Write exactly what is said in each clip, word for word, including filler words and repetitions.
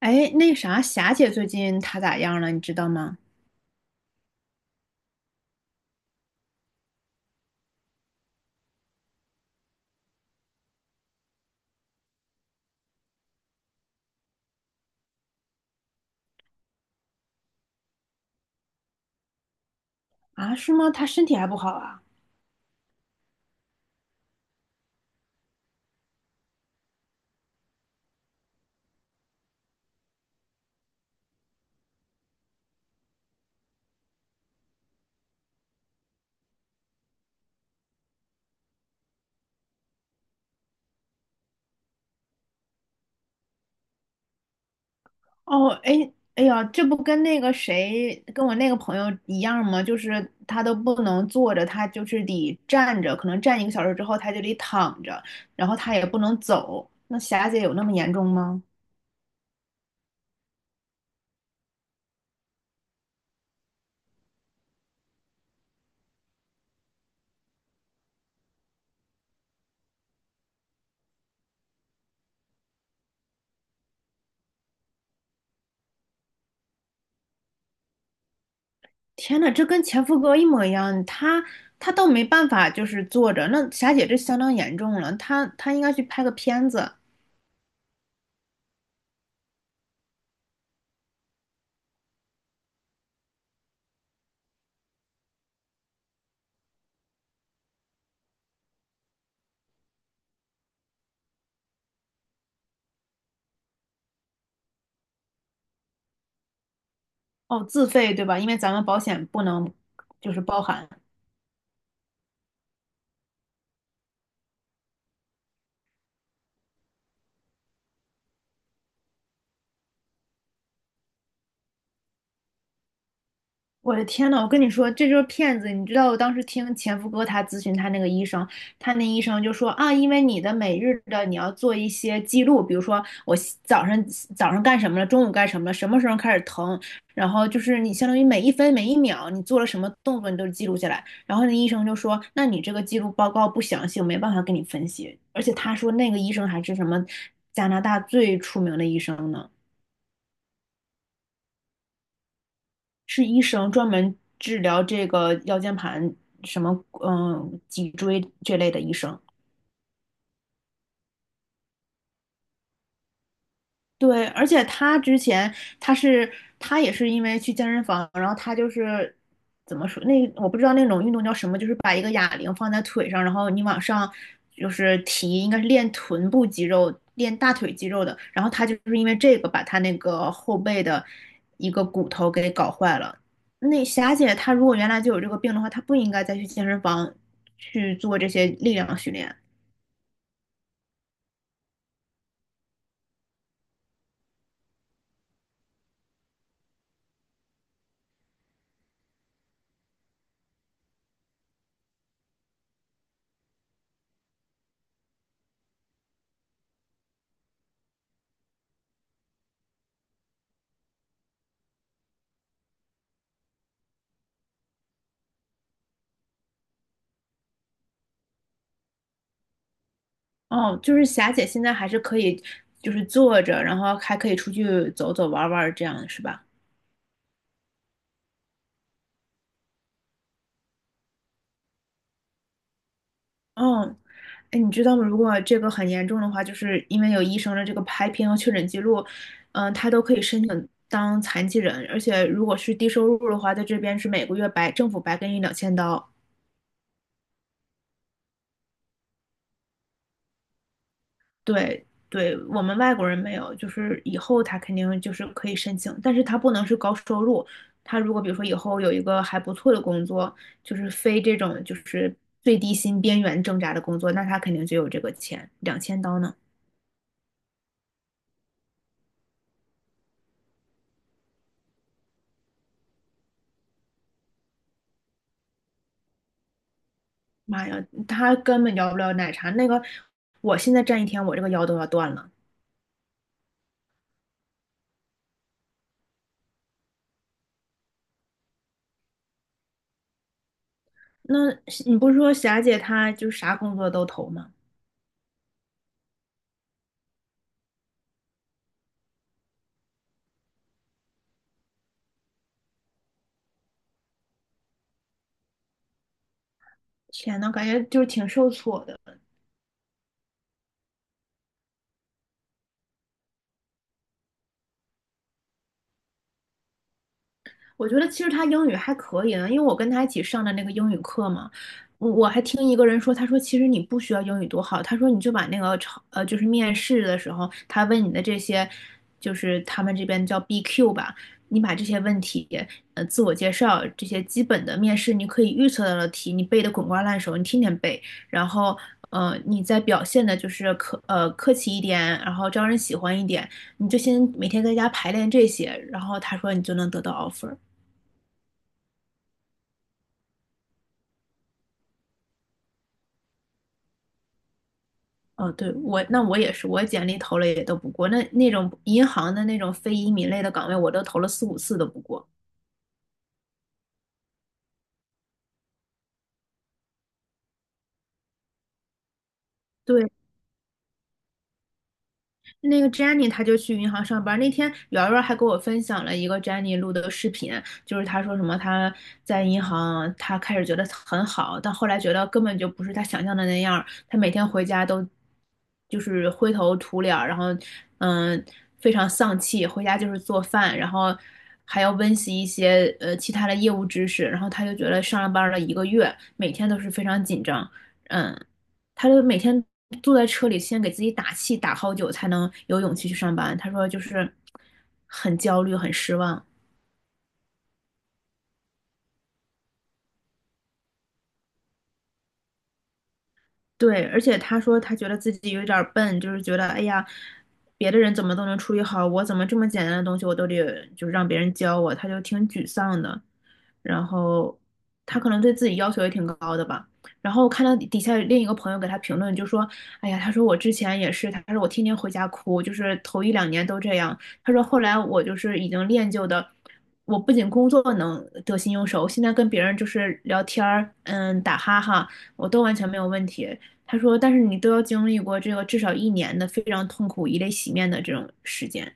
哎，那啥，霞姐最近她咋样了？你知道吗？啊，是吗？她身体还不好啊？哦，哎，哎呀，这不跟那个谁，跟我那个朋友一样吗？就是她都不能坐着，她就是得站着，可能站一个小时之后，她就得躺着，然后她也不能走。那霞姐有那么严重吗？天呐，这跟前夫哥一模一样，她她都没办法，就是坐着。那霞姐这相当严重了，她她应该去拍个片子。哦，自费对吧？因为咱们保险不能就是包含。我的天呐，我跟你说，这就是骗子！你知道我当时听前夫哥他咨询他那个医生，他那医生就说啊，因为你的每日的你要做一些记录，比如说我西早上早上干什么了，中午干什么了，什么时候开始疼，然后就是你相当于每一分每一秒你做了什么动作，你都记录下来。然后那医生就说，那你这个记录报告不详细，我没办法给你分析。而且他说那个医生还是什么加拿大最出名的医生呢。是医生专门治疗这个腰间盘什么嗯脊椎这类的医生。对，而且他之前他是他也是因为去健身房，然后他就是怎么说那我不知道那种运动叫什么，就是把一个哑铃放在腿上，然后你往上就是提，应该是练臀部肌肉、练大腿肌肉的。然后他就是因为这个把他那个后背的一个骨头给搞坏了。那霞姐她如果原来就有这个病的话，她不应该再去健身房去做这些力量训练。哦，就是霞姐现在还是可以，就是坐着，然后还可以出去走走玩玩，这样是吧？嗯，哎，你知道吗？如果这个很严重的话，就是因为有医生的这个拍片和确诊记录，嗯、他都可以申请当残疾人，而且如果是低收入的话，在这边是每个月白政府白给你两千刀。对对，我们外国人没有，就是以后他肯定就是可以申请，但是他不能是高收入。他如果比如说以后有一个还不错的工作，就是非这种就是最低薪边缘挣扎的工作，那他肯定就有这个钱，两千刀呢。妈呀，他根本要不了奶茶。那个，我现在站一天，我这个腰都要断了。那你不是说霞姐她就啥工作都投吗？天呐，感觉就是挺受挫的。我觉得其实他英语还可以呢，因为我跟他一起上的那个英语课嘛，我我还听一个人说，他说其实你不需要英语多好，他说你就把那个超呃就是面试的时候他问你的这些，就是他们这边叫 B Q 吧，你把这些问题呃自我介绍这些基本的面试你可以预测到的题，你背得滚瓜烂熟，你天天背，然后呃你再表现的就是客呃客气一点，然后招人喜欢一点，你就先每天在家排练这些，然后他说你就能得到 offer。哦，对，我，那我也是，我简历投了也都不过，那那种银行的那种非移民类的岗位，我都投了四五次都不过。对，那个 Jenny 她就去银行上班那天瑶瑶还给我分享了一个 Jenny 录的视频，就是她说什么她在银行，她开始觉得很好，但后来觉得根本就不是她想象的那样儿。她每天回家都就是灰头土脸儿然后嗯非常丧气，回家就是做饭，然后还要温习一些呃其他的业务知识。然后她就觉得上了班儿了一个月，每天都是非常紧张，嗯。他就每天坐在车里，先给自己打气，打好久才能有勇气去上班。他说就是很焦虑，很失望。对，而且他说他觉得自己有点儿笨，就是觉得哎呀，别的人怎么都能处理好，我怎么这么简单的东西我都得就是让别人教我，他就挺沮丧的。然后他可能对自己要求也挺高的吧。然后看到底下另一个朋友给他评论，就说："哎呀，他说我之前也是，他说我天天回家哭，就是头一两年都这样。他说后来我就是已经练就的，我不仅工作能得心应手，现在跟别人就是聊天儿，嗯，打哈哈，我都完全没有问题。他说，但是你都要经历过这个至少一年的非常痛苦、以泪洗面的这种时间。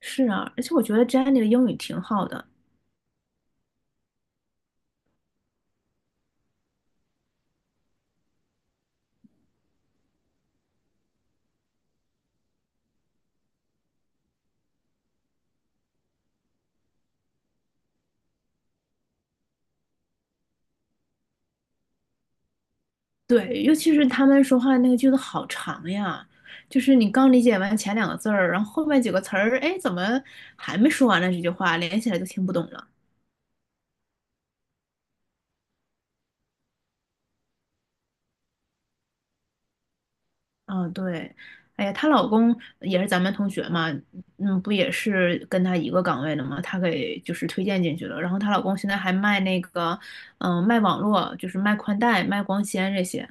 是啊，而且我觉得 Jenny 的英语挺好的，对，尤其是他们说话那个句子好长呀，就是你刚理解完前两个字儿，然后后面几个词儿，哎，怎么还没说完呢？这句话连起来就听不懂了。哦，对，哎呀，她老公也是咱们同学嘛，嗯，不也是跟她一个岗位的嘛，她给就是推荐进去了。然后她老公现在还卖那个，嗯、卖网络，就是卖宽带、卖光纤这些。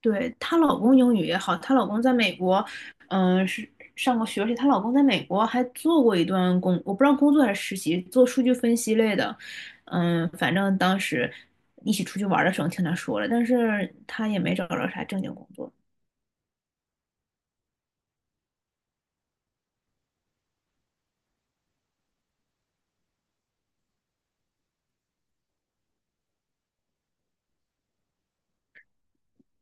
对，她老公英语也好，她老公在美国，嗯、是上过学，而且她老公在美国还做过一段工，我不知道工作还是实习，做数据分析类的。嗯，反正当时一起出去玩的时候听她说了，但是她也没找着啥正经工作。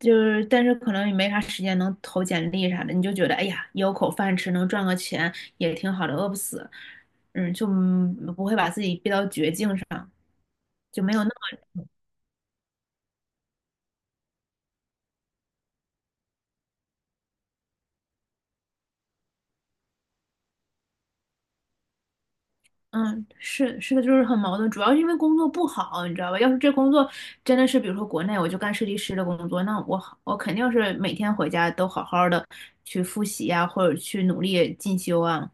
就是，但是可能也没啥时间能投简历啥的，你就觉得，哎呀，有口饭吃，能赚个钱也挺好的，饿不死，嗯，就嗯不会把自己逼到绝境上，就没有那么，嗯，是是的，就是很矛盾，主要是因为工作不好，你知道吧？要是这工作真的是，比如说国内我就干设计师的工作，那我好我肯定是每天回家都好好的去复习呀、或者去努力进修啊，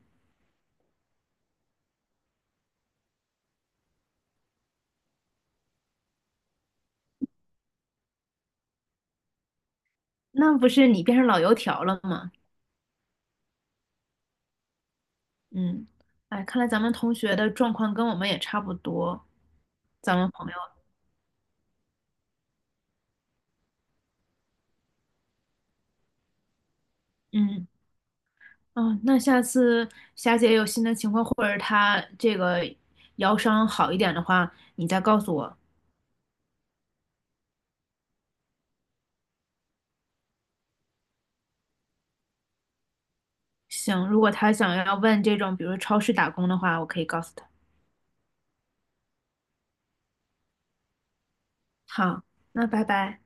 那不是你变成老油条了吗？嗯，哎，看来咱们同学的状况跟我们也差不多，咱们朋友，嗯，哦，那下次霞姐有新的情况，或者她这个腰伤好一点的话，你再告诉我。行，如果她想要问这种，比如超市打工的话，我可以告诉她。好，那拜拜。